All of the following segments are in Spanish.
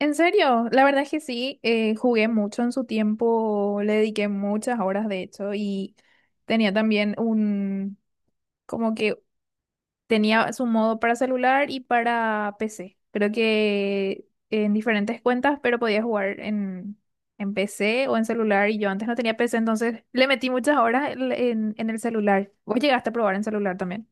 En serio, la verdad es que sí, jugué mucho en su tiempo, le dediqué muchas horas de hecho y tenía también un, como que tenía su modo para celular y para PC. Creo que en diferentes cuentas, pero podía jugar en PC o en celular y yo antes no tenía PC, entonces le metí muchas horas en el celular. ¿Vos llegaste a probar en celular también?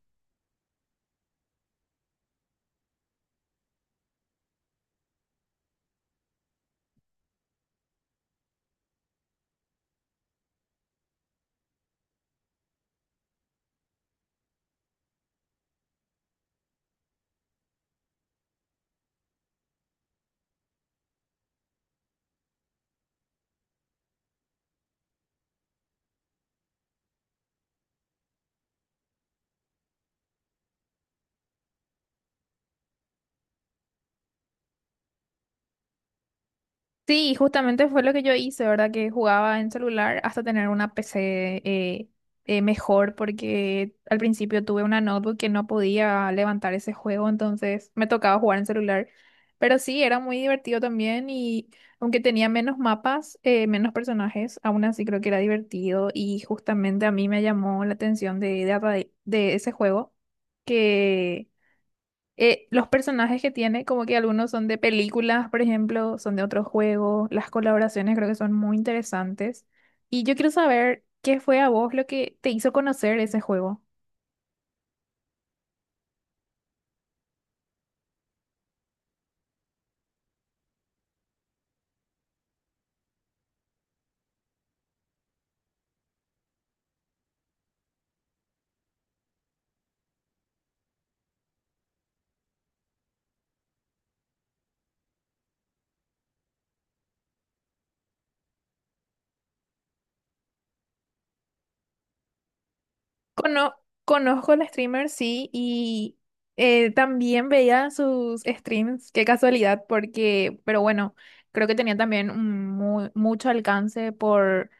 Sí, justamente fue lo que yo hice, ¿verdad? Que jugaba en celular hasta tener una PC mejor, porque al principio tuve una notebook que no podía levantar ese juego, entonces me tocaba jugar en celular. Pero sí, era muy divertido también y aunque tenía menos mapas, menos personajes, aún así creo que era divertido y justamente a mí me llamó la atención de ese juego que los personajes que tiene, como que algunos son de películas, por ejemplo, son de otros juegos, las colaboraciones creo que son muy interesantes. Y yo quiero saber qué fue a vos lo que te hizo conocer ese juego. Cono- Conozco al streamer, sí, y también veía sus streams, qué casualidad, porque, pero bueno, creo que tenía también mucho alcance por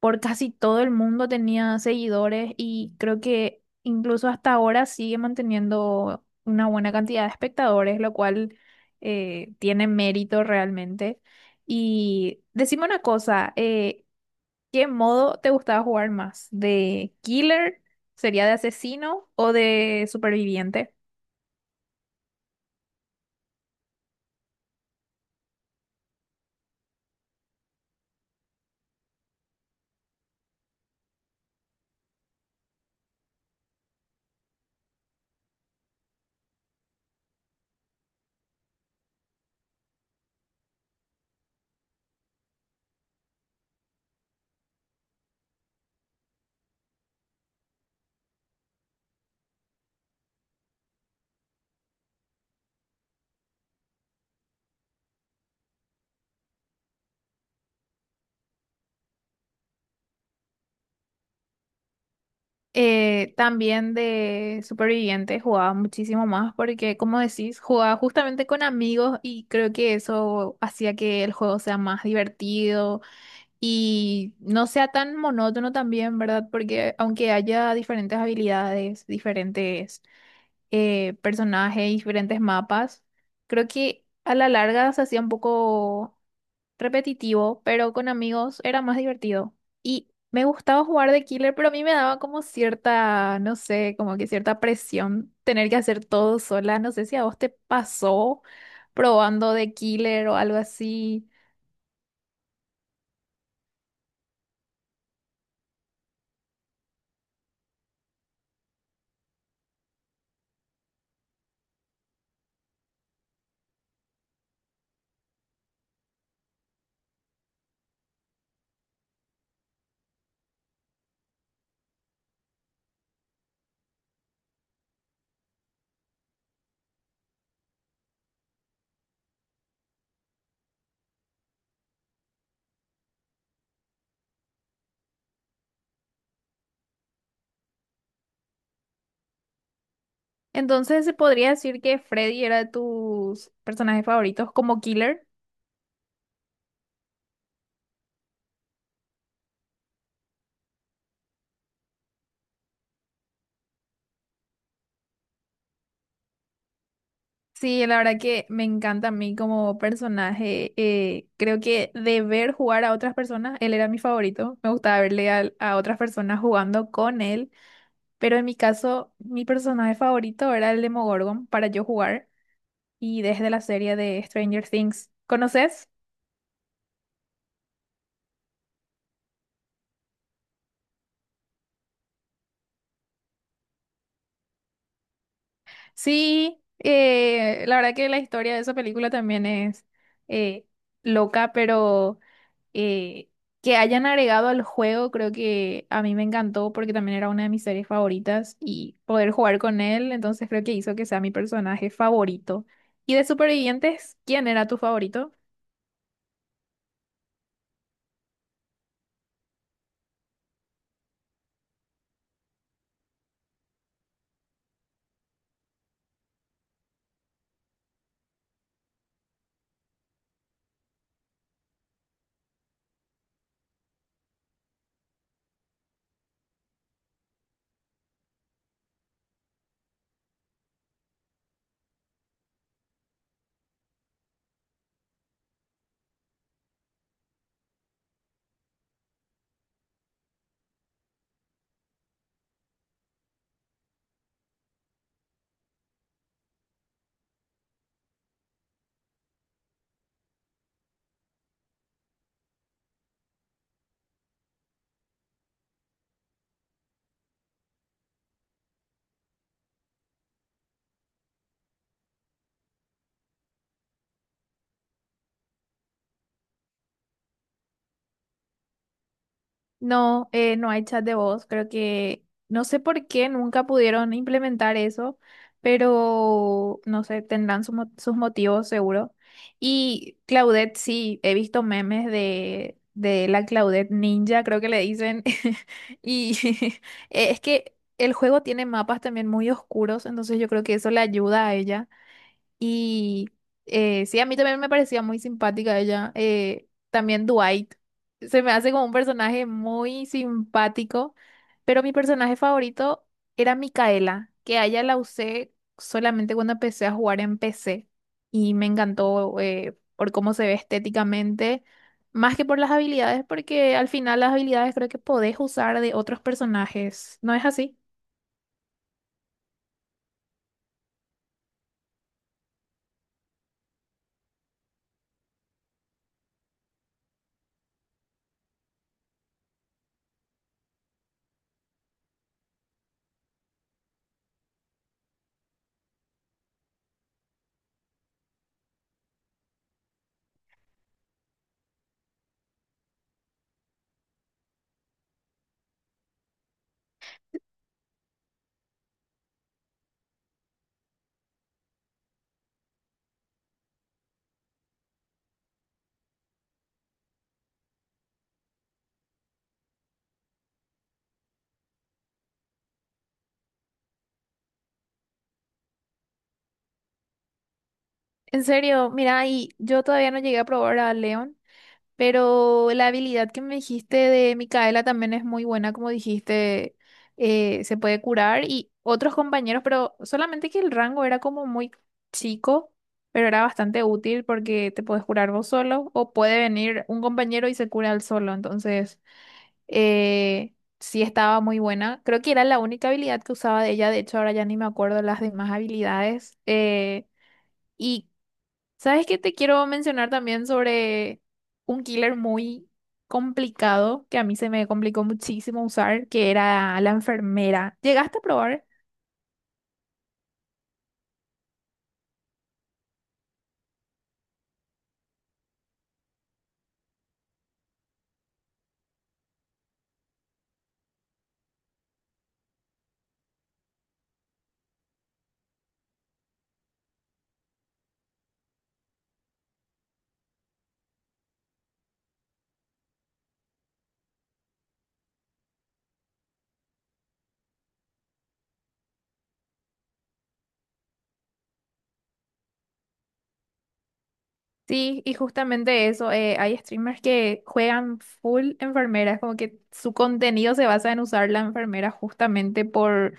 por casi todo el mundo tenía seguidores y creo que incluso hasta ahora sigue manteniendo una buena cantidad de espectadores, lo cual tiene mérito realmente. Y decime una cosa, ¿qué modo te gustaba jugar más? ¿De killer? ¿Sería de asesino o de superviviente? También de superviviente jugaba muchísimo más porque, como decís, jugaba justamente con amigos y creo que eso hacía que el juego sea más divertido y no sea tan monótono también, ¿verdad? Porque aunque haya diferentes habilidades, diferentes personajes y diferentes mapas. Creo que a la larga se hacía un poco repetitivo, pero con amigos era más divertido. Y me gustaba jugar de killer, pero a mí me daba como cierta, no sé, como que cierta presión tener que hacer todo sola. No sé si a vos te pasó probando de killer o algo así. Entonces, ¿se podría decir que Freddy era de tus personajes favoritos como killer? Sí, la verdad que me encanta a mí como personaje. Creo que de ver jugar a otras personas, él era mi favorito. Me gustaba otras personas jugando con él. Pero en mi caso, mi personaje favorito era el Demogorgon para yo jugar. Y desde la serie de Stranger Things. ¿Conoces? Sí, la verdad que la historia de esa película también es eh, loca, pero. eh, que hayan agregado al juego, creo que a mí me encantó porque también era una de mis series favoritas y poder jugar con él, entonces creo que hizo que sea mi personaje favorito. ¿Y de supervivientes, quién era tu favorito? No, no hay chat de voz. Creo que no sé por qué nunca pudieron implementar eso, pero no sé, tendrán sus motivos seguro. Y Claudette, sí, he visto memes de la Claudette Ninja, creo que le dicen. Y es que el juego tiene mapas también muy oscuros, entonces yo creo que eso le ayuda a ella. Y sí, a mí también me parecía muy simpática ella. También Dwight. Se me hace como un personaje muy simpático, pero mi personaje favorito era Micaela, que a ella la usé solamente cuando empecé a jugar en PC y me encantó por cómo se ve estéticamente, más que por las habilidades, porque al final las habilidades creo que podés usar de otros personajes, ¿no es así? En serio, mira, y yo todavía no llegué a probar a Leon. Pero la habilidad que me dijiste de Micaela también es muy buena, como dijiste, se puede curar y otros compañeros, pero solamente que el rango era como muy chico, pero era bastante útil porque te puedes curar vos solo o puede venir un compañero y se cura él solo. Entonces, sí estaba muy buena. Creo que era la única habilidad que usaba de ella, de hecho ahora ya ni me acuerdo las demás habilidades. ¿Y sabes qué te quiero mencionar también sobre un killer muy complicado que a mí se me complicó muchísimo usar, que era la enfermera? ¿Llegaste a probar? Sí, y justamente eso, hay streamers que juegan full enfermeras, como que su contenido se basa en usar la enfermera justamente por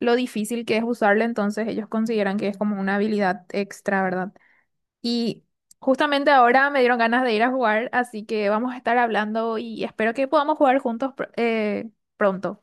lo difícil que es usarla, entonces ellos consideran que es como una habilidad extra, ¿verdad? Y justamente ahora me dieron ganas de ir a jugar, así que vamos a estar hablando y espero que podamos jugar juntos pronto.